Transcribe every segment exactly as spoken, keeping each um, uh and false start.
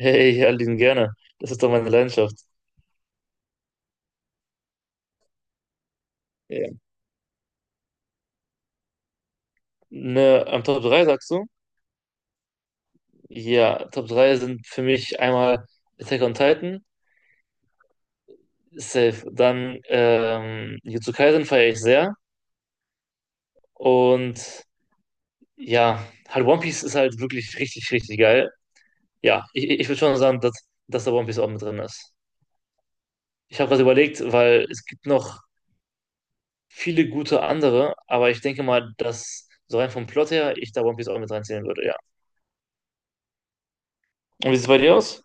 Hey, Aline, gerne. Das ist doch meine Leidenschaft. Ja. Ne, am Top drei sagst du? Ja, Top drei sind für mich einmal Attack on Titan, safe. Dann ähm, Jujutsu Kaisen feiere ich sehr. Und ja, halt One Piece ist halt wirklich richtig, richtig geil. Ja, ich, ich würde schon sagen, dass, dass da One Piece auch mit drin ist. Ich habe was überlegt, weil es gibt noch viele gute andere, aber ich denke mal, dass so rein vom Plot her ich da One Piece auch mit reinziehen würde, ja. Und wie sieht es bei dir aus?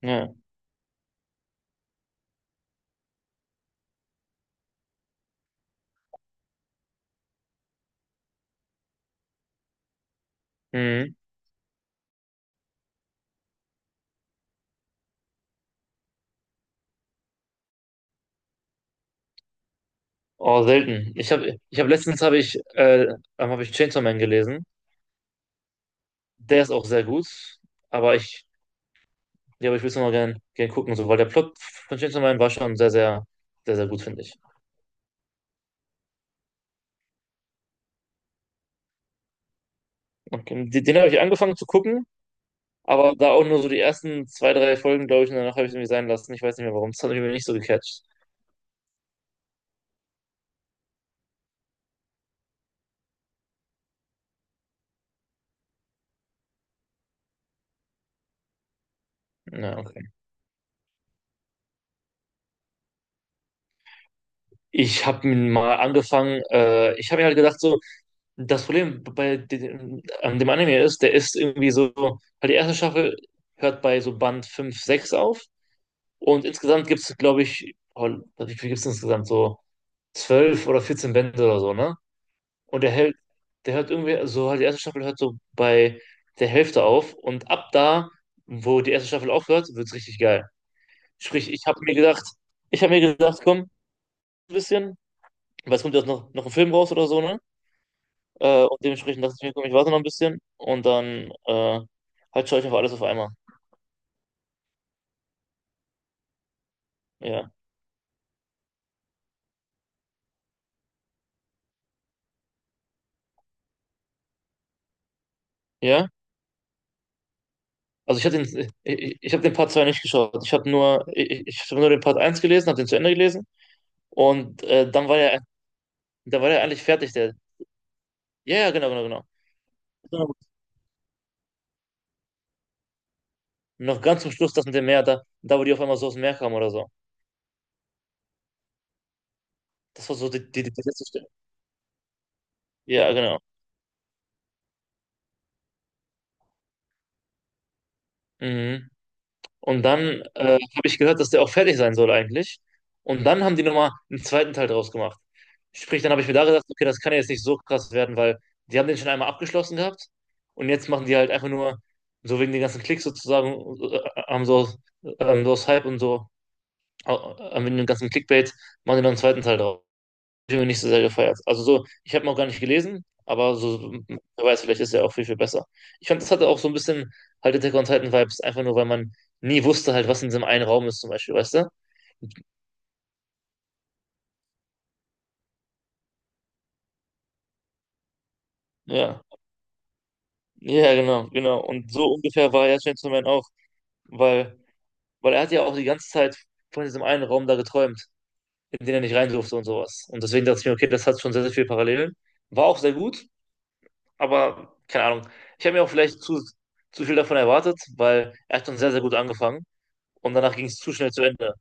Ja. Mhm. Oh, selten. Ich habe ich hab letztens habe ich, äh, ähm, hab ich Chainsaw Man gelesen. Der ist auch sehr gut, aber ich, ja, aber ich will es noch gern, gern gucken, so, weil der Plot von Chainsaw Man war schon sehr, sehr, sehr, sehr gut, finde ich. Okay. Den, den habe ich angefangen zu gucken, aber da auch nur so die ersten zwei, drei Folgen, glaube ich, und danach habe ich es irgendwie sein lassen. Ich weiß nicht mehr warum. Das hat mich irgendwie nicht so gecatcht. Ja, okay. Ich habe mal angefangen, äh, ich habe mir halt gedacht, so, das Problem bei dem, an dem Anime ist, der ist irgendwie so, weil die erste Staffel hört bei so Band fünf sechs auf und insgesamt gibt es, glaube ich, oh, wie viel gibt es insgesamt? So zwölf oder vierzehn Bände oder so, ne? Und der hält, der hört irgendwie, so halt die erste Staffel hört so bei der Hälfte auf und ab da, wo die erste Staffel aufhört, wird es richtig geil. Sprich, ich habe mir gedacht, ich habe mir gedacht, komm, ein bisschen, weil es kommt ja noch, noch ein Film raus oder so, ne? Äh, und dementsprechend dachte ich mir, komm, ich warte noch ein bisschen und dann äh, halt schaue ich auf alles auf einmal. Ja. Ja? Also ich habe den, ich, ich habe den Part zwei nicht geschaut. Ich habe nur, ich, ich habe nur den Part eins gelesen, habe den zu Ende gelesen und äh, dann war er, da war er eigentlich fertig, der. Ja, ja, genau, genau, genau. Genau. Noch ganz zum Schluss das mit dem Meer, da, da wo die auf einmal so aus dem Meer kamen oder so. Das war so die, die, die letzte Stelle. Ja, genau. Mhm. Und dann äh, habe ich gehört, dass der auch fertig sein soll eigentlich. Und dann haben die nochmal einen zweiten Teil draus gemacht. Sprich, dann habe ich mir da gedacht, okay, das kann ja jetzt nicht so krass werden, weil die haben den schon einmal abgeschlossen gehabt und jetzt machen die halt einfach nur so wegen den ganzen Klicks sozusagen, äh, haben so, ähm, so aus Hype und so, äh, äh, wegen dem ganzen Clickbait, machen die noch einen zweiten Teil draus, den du nicht so sehr gefeiert. Also so, ich habe ihn auch gar nicht gelesen, aber so, wer weiß, vielleicht ist er auch viel, viel besser. Ich fand, das hatte auch so ein bisschen halt Attack on Titan Vibes, einfach nur, weil man nie wusste halt, was in diesem einen Raum ist zum Beispiel, weißt du? Ja, ja, genau, genau. Und so ungefähr war ja Gentleman auch, weil, weil er hat ja auch die ganze Zeit von diesem einen Raum da geträumt, in den er nicht rein durfte und sowas. Und deswegen dachte ich mir, okay, das hat schon sehr, sehr viele Parallelen. War auch sehr gut, aber keine Ahnung. Ich habe mir auch vielleicht zu, zu viel davon erwartet, weil er hat schon sehr, sehr gut angefangen. Und danach ging es zu schnell zu Ende.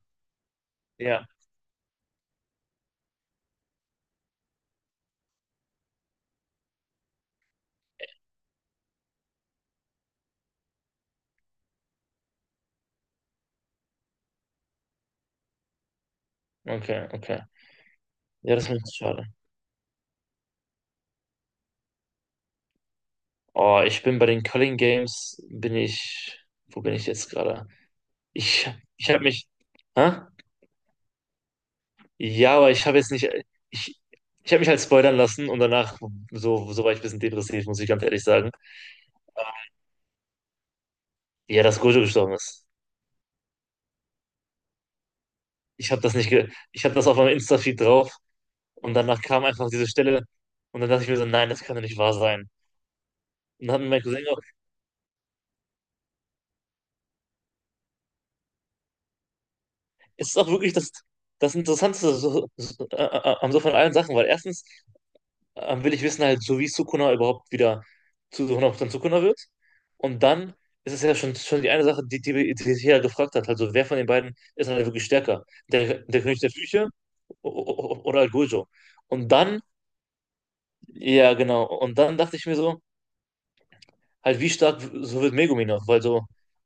Ja, okay, okay. Ja, das ist mir schade. Oh, ich bin bei den Köln Games, bin ich, wo bin ich jetzt gerade? Ich, ich habe mich, hä? Ja, aber ich habe jetzt nicht, ich, ich habe mich halt spoilern lassen und danach, so, so war ich ein bisschen depressiv, muss ich ganz ehrlich sagen. Ja, dass Gojo gestorben ist. Ich habe das nicht, ge ich habe das auf meinem Insta-Feed drauf und danach kam einfach diese Stelle und dann dachte ich mir so, nein, das kann doch nicht wahr sein. Und dann hat mir mein Cousin, es ist auch wirklich das, das, Interessanteste so, so, äh, äh, am so von allen Sachen, weil erstens ähm, will ich wissen halt, so wie Sukuna überhaupt wieder zu hundert Prozent Sukuna wird. Und dann ist es ja schon, schon die eine Sache, die, die, die sich ja gefragt hat, also wer von den beiden ist halt wirklich stärker? Der, der König der Flüche o- o- oder halt Gojo? Und dann, ja, genau, und dann dachte ich mir so, halt wie stark so wird Megumi noch, weil so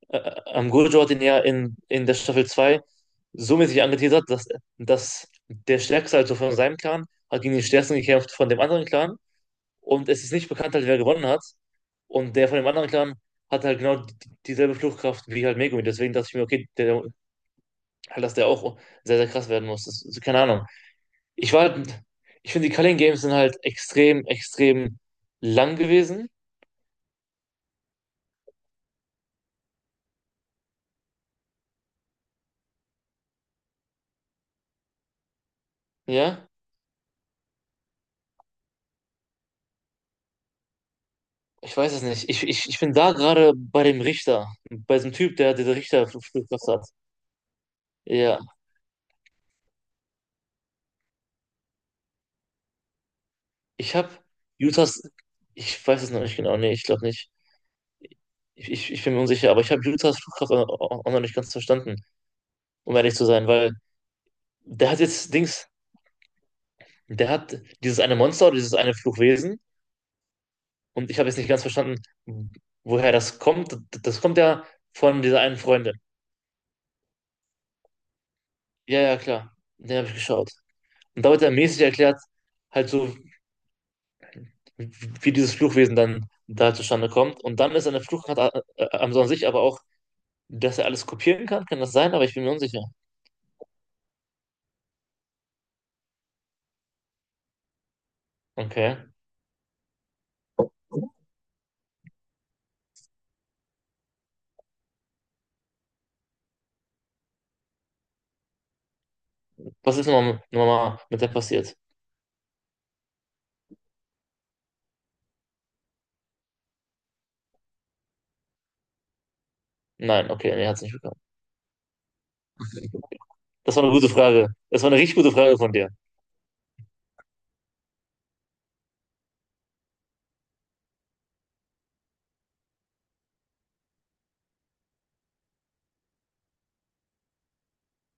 äh, ähm, Gojo hat ihn ja in, in der Staffel zwei so mäßig angeteasert, dass, dass der Stärkste also von seinem Clan hat gegen den Stärksten gekämpft von dem anderen Clan und es ist nicht bekannt halt, wer gewonnen hat und der von dem anderen Clan hat halt genau die- dieselbe Fluchtkraft wie halt Megumi, deswegen dachte ich mir, okay, der, halt, dass der auch sehr, sehr krass werden muss, das, keine Ahnung. Ich war halt, ich finde die Culling Games sind halt extrem, extrem lang gewesen, ja. Ich weiß es nicht. Ich, ich, ich bin da gerade bei dem Richter, bei diesem Typ, der diese Richterflugkraft hat. Ja, ich habe Utahs, ich weiß es noch nicht genau, nee, ich glaube nicht. Ich, ich, ich bin mir unsicher, aber ich habe Utahs Flugkraft auch, auch noch nicht ganz verstanden, um ehrlich zu sein, weil der hat jetzt Dings, der hat dieses eine Monster oder dieses eine Fluchwesen. Und ich habe jetzt nicht ganz verstanden, woher das kommt. Das kommt ja von dieser einen Freundin. Ja, ja, klar, den habe ich geschaut. Und da wird er mäßig erklärt, halt so, wie, wie dieses Fluchwesen dann da zustande kommt. Und dann ist eine Fluchkraft a- a- am so an sich aber auch, dass er alles kopieren kann. Kann das sein? Aber ich bin mir unsicher. Okay. Was ist nochmal nochmal mit der passiert? Nein, okay, nee, hat es nicht bekommen. Das war eine gute Frage. Das war eine richtig gute Frage von dir.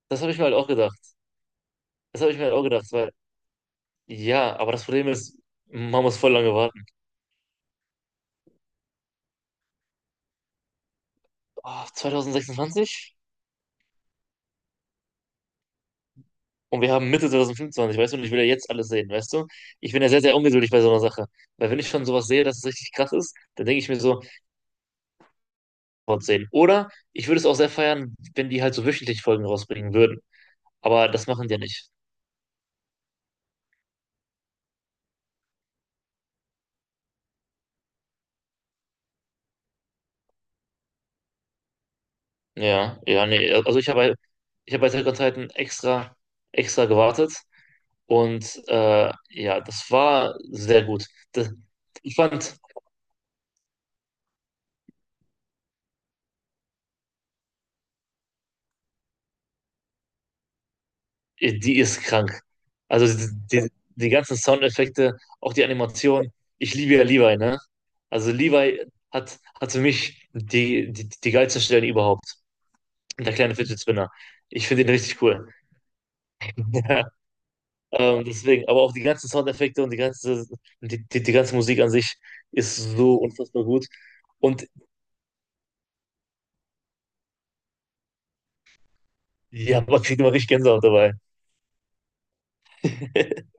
Das habe ich mir halt auch gedacht. Das habe ich mir halt auch gedacht, weil, ja, aber das Problem ist, man muss voll lange warten. Ah, zwanzig sechsundzwanzig? Und wir haben Mitte zwanzig fünfundzwanzig, weißt du, und ich will ja jetzt alles sehen, weißt du? Ich bin ja sehr, sehr ungeduldig bei so einer Sache. Weil wenn ich schon sowas sehe, dass es richtig krass ist, dann denke ich mir so, sehen. Oder ich würde es auch sehr feiern, wenn die halt so wöchentlich Folgen rausbringen würden. Aber das machen die ja nicht. Ja, ja, nee. Also ich habe halt, ich habe bei Attack on Titan extra, extra gewartet. Und äh, ja, das war sehr gut. Das, ich fand, die ist krank. Also die, die, ganzen Soundeffekte, auch die Animation. Ich liebe ja Levi, ne? Also Levi hat, hat für mich die, die, die geilsten Stellen überhaupt. Der kleine Fidget Spinner. Ich finde ihn richtig cool. Ähm, deswegen, aber auch die ganzen Soundeffekte und die ganze, die, die, die ganze Musik an sich ist so unfassbar gut. Und ja, man kriegt immer richtig Gänsehaut dabei.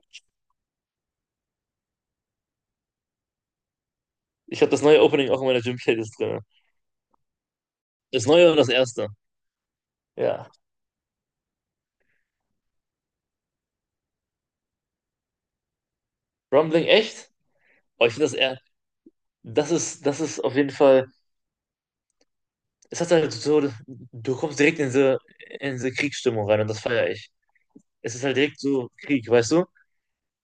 Ich habe das neue Opening auch in meiner Gym-Playlist drin. Das neue und das erste. Ja. Rumbling, echt? Oh, ich finde das eher. Das ist, das ist auf jeden Fall. Es hat halt so. Du kommst direkt in diese, in diese Kriegsstimmung rein und das feiere ich. Es ist halt direkt so Krieg, weißt du?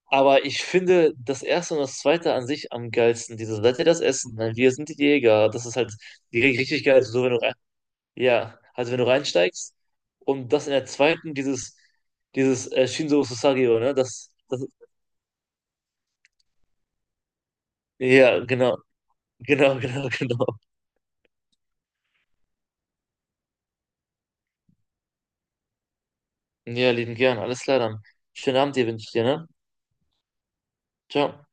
Aber ich finde das erste und das zweite an sich am geilsten. Dieses, seid ihr das Essen? Nein, wir sind die Jäger. Das ist halt direkt richtig geil. Also so, wenn du rein, ja, also wenn du reinsteigst und das in der zweiten, dieses, dieses äh, Shinzo Susagio, ne? Das, das, ja, genau, genau, genau, genau. Ja, lieben gern. Alles klar dann. Schönen Abend dir wünsche ich dir, ne? Ciao.